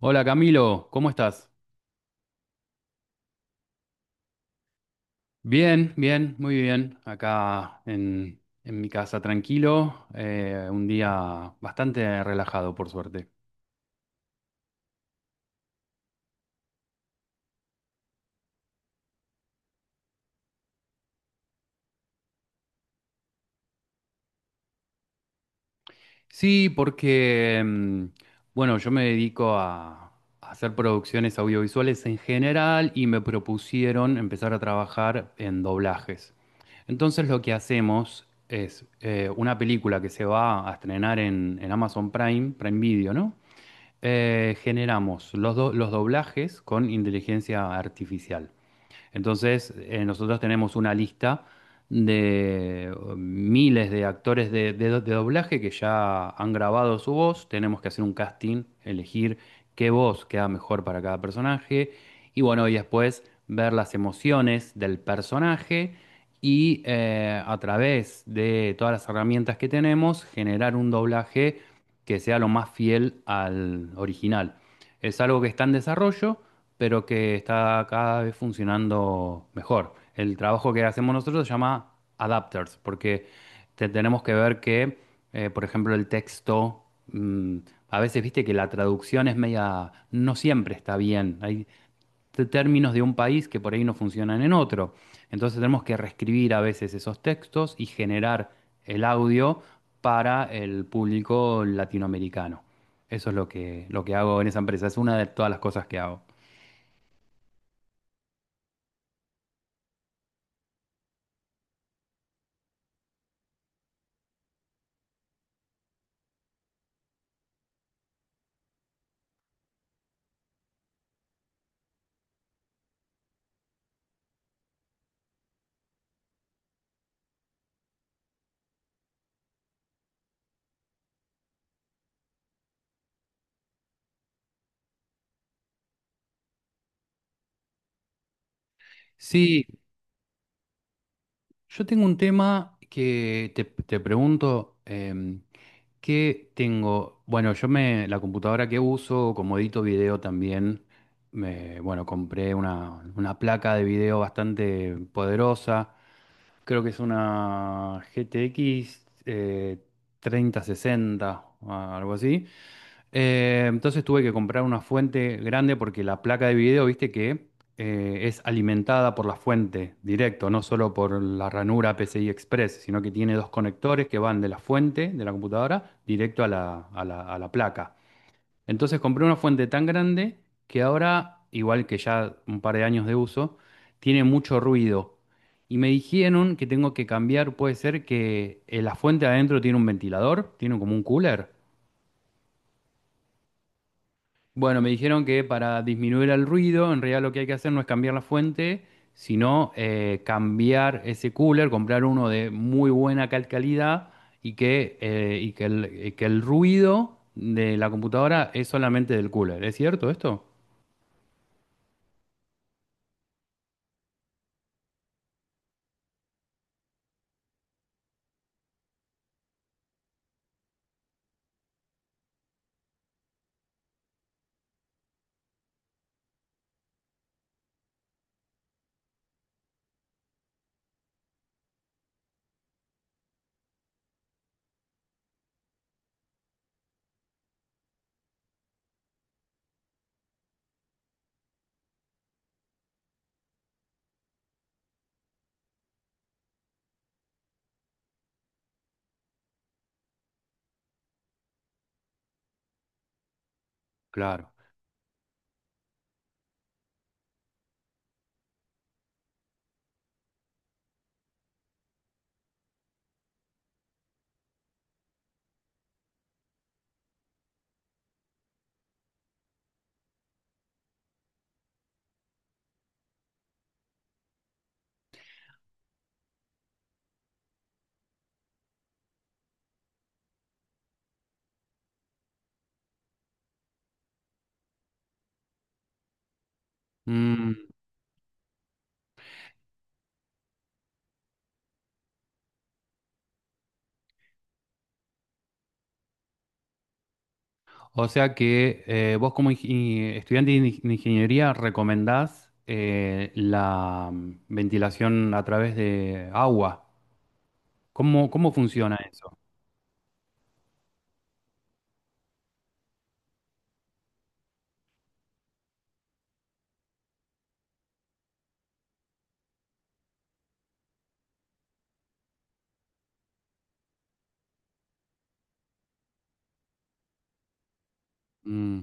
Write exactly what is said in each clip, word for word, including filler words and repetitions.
Hola Camilo, ¿cómo estás? Bien, bien, muy bien. Acá en, en mi casa tranquilo, eh, un día bastante relajado por suerte. Sí, porque, mm, bueno, yo me dedico a, a hacer producciones audiovisuales en general y me propusieron empezar a trabajar en doblajes. Entonces lo que hacemos es eh, una película que se va a estrenar en, en Amazon Prime, Prime Video, ¿no? Eh, generamos los, do- los doblajes con inteligencia artificial. Entonces, eh, nosotros tenemos una lista de miles de actores de, de- do- de doblaje que ya han grabado su voz. Tenemos que hacer un casting, elegir qué voz queda mejor para cada personaje. Y bueno, y después ver las emociones del personaje y eh, a través de todas las herramientas que tenemos, generar un doblaje que sea lo más fiel al original. Es algo que está en desarrollo pero que está cada vez funcionando mejor. El trabajo que hacemos nosotros se llama adapters, porque te- tenemos que ver que, eh, por ejemplo, el texto, mm, a veces viste que la traducción es media, no siempre está bien. Hay t- términos de un país que por ahí no funcionan en otro. Entonces tenemos que reescribir a veces esos textos y generar el audio para el público latinoamericano. Eso es lo que, lo que hago en esa empresa. Es una de todas las cosas que hago. Sí, yo tengo un tema que te, te pregunto, em, ¿qué tengo? Bueno, yo me, la computadora que uso, como edito video también, me, bueno, compré una, una placa de video bastante poderosa, creo que es una G T X eh, treinta sesenta o algo así. Eh, entonces tuve que comprar una fuente grande porque la placa de video, viste que eh, es alimentada por la fuente directo, no solo por la ranura P C I Express, sino que tiene dos conectores que van de la fuente de la computadora directo a la, a la- a la placa. Entonces compré una fuente tan grande que ahora, igual que ya un par de años de uso, tiene mucho ruido. Y me dijeron que tengo que cambiar, puede ser que eh, la fuente adentro tiene un ventilador, tiene como un cooler. Bueno, me dijeron que para disminuir el ruido, en realidad lo que hay que hacer no es cambiar la fuente, sino eh, cambiar ese cooler, comprar uno de muy buena cal- calidad y que, eh, y que el, y que el ruido de la computadora es solamente del cooler. ¿Es cierto esto? Claro. Mm, o sea que eh, vos como ingi- estudiante de ing- de ingeniería recomendás eh, la mm, ventilación a través de agua. ¿Cómo, cómo funciona eso? Mm.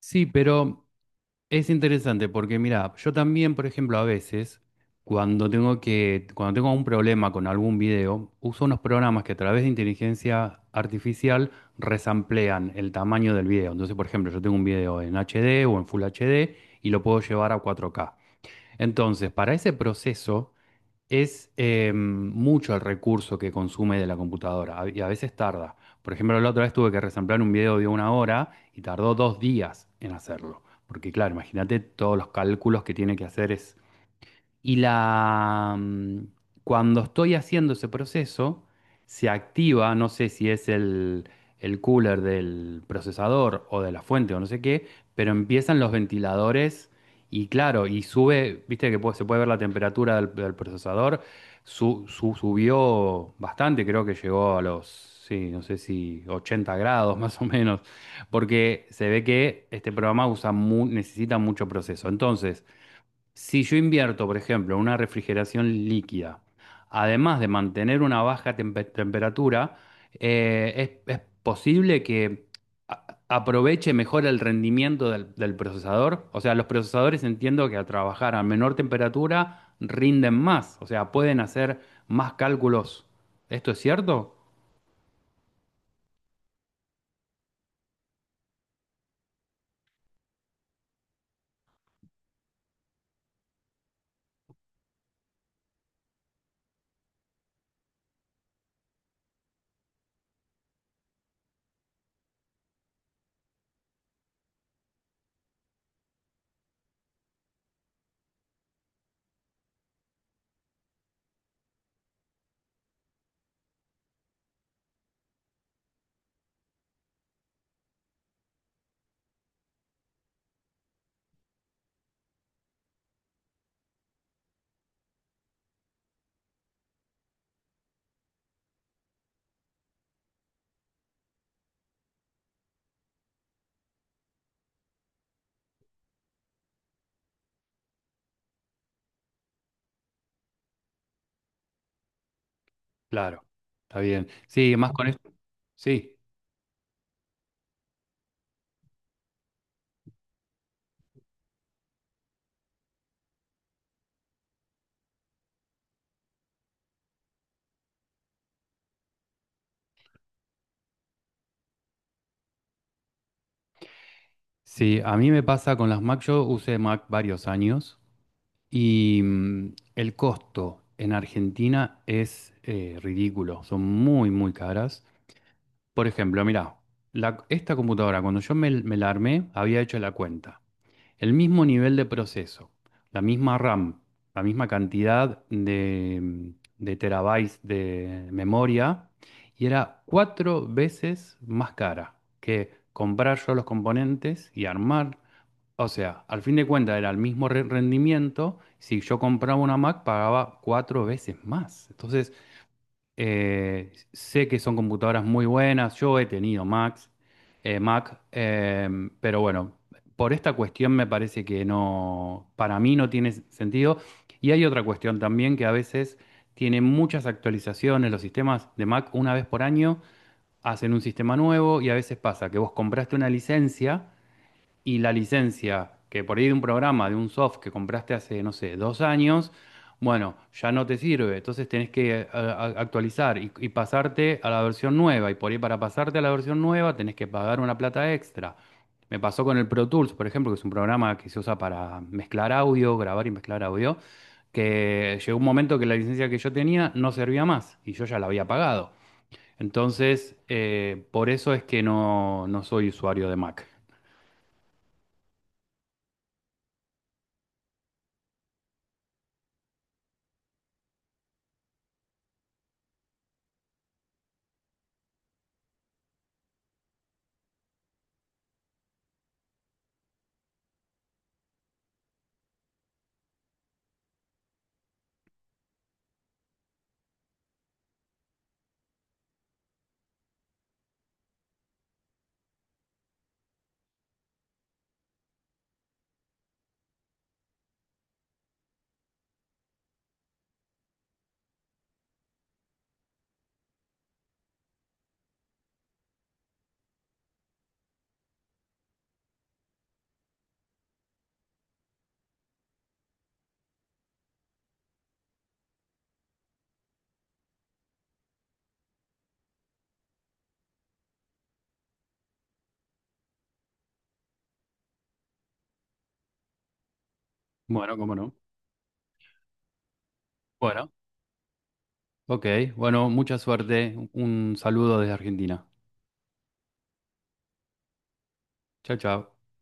Sí, pero es interesante porque mira, yo también, por ejemplo, a veces cuando tengo que, cuando tengo un problema con algún video, uso unos programas que a través de inteligencia artificial resamplean el tamaño del video. Entonces, por ejemplo, yo tengo un video en H D o en Full H D y lo puedo llevar a cuatro k. Entonces, para ese proceso es eh, mucho el recurso que consume de la computadora a- y a veces tarda. Por ejemplo, la otra vez tuve que resamblar un video de una hora y tardó dos días en hacerlo. Porque claro, imagínate todos los cálculos que tiene que hacer es y la, mm, cuando estoy haciendo ese proceso, se activa, no sé si es el, el cooler del procesador o de la fuente o no sé qué, pero empiezan los ventiladores y claro, y sube, viste que pu- se puede ver la temperatura del, del procesador, su- su- subió bastante, creo que llegó a los, sí, no sé si ochenta grados más o menos, porque se ve que este programa usa mu- necesita mucho proceso. Entonces, si yo invierto, por ejemplo, en una refrigeración líquida, además de mantener una baja tempe- temperatura, eh, es, es posible que a- aproveche mejor el rendimiento del, del procesador. O sea, los procesadores entiendo que al trabajar a menor temperatura rinden más, o sea, pueden hacer más cálculos. ¿Esto es cierto? Claro, está bien. Sí, más con esto. Sí, sí, a mí me pasa con las Mac, yo usé Mac varios años. Y mm, el costo en Argentina es eh, ridículo, son muy, muy caras. Por ejemplo, mirá, la- esta computadora, cuando yo me, me la armé, había hecho la cuenta. El mismo nivel de proceso, la misma RAM, la misma cantidad de, mm, de terabytes de memoria, y era cuatro veces más cara que comprar yo los componentes y armar, o sea, al fin de cuentas era el mismo re- rendimiento. Si yo compraba una Mac, pagaba cuatro veces más. Entonces, eh, sé que son computadoras muy buenas. Yo he tenido Macs, eh, Mac, em, pero bueno, por esta cuestión me parece que no, para mí no tiene sentido. Y hay otra cuestión también que a veces tienen muchas actualizaciones. Los sistemas de Mac, una vez por año, hacen un sistema nuevo y a veces pasa que vos compraste una licencia y la licencia, que por ahí de un programa, de un soft que compraste hace, no sé, dos años, bueno, ya no te sirve. Entonces tenés que eh, a- a- actualizar y, y pasarte a la versión nueva. Y por ahí para pasarte a la versión nueva tenés que pagar una plata extra. Me pasó con el Pro Tools, por ejemplo, que es un programa que se usa para mezclar audio, grabar y mezclar audio, que llegó un momento que la licencia que yo tenía no servía más y yo ya la había pagado. Entonces, eh, por eso es que no, no soy usuario de Mac. Bueno, cómo no. Bueno, ok. Bueno, mucha suerte. Un saludo desde Argentina. Chao, chao.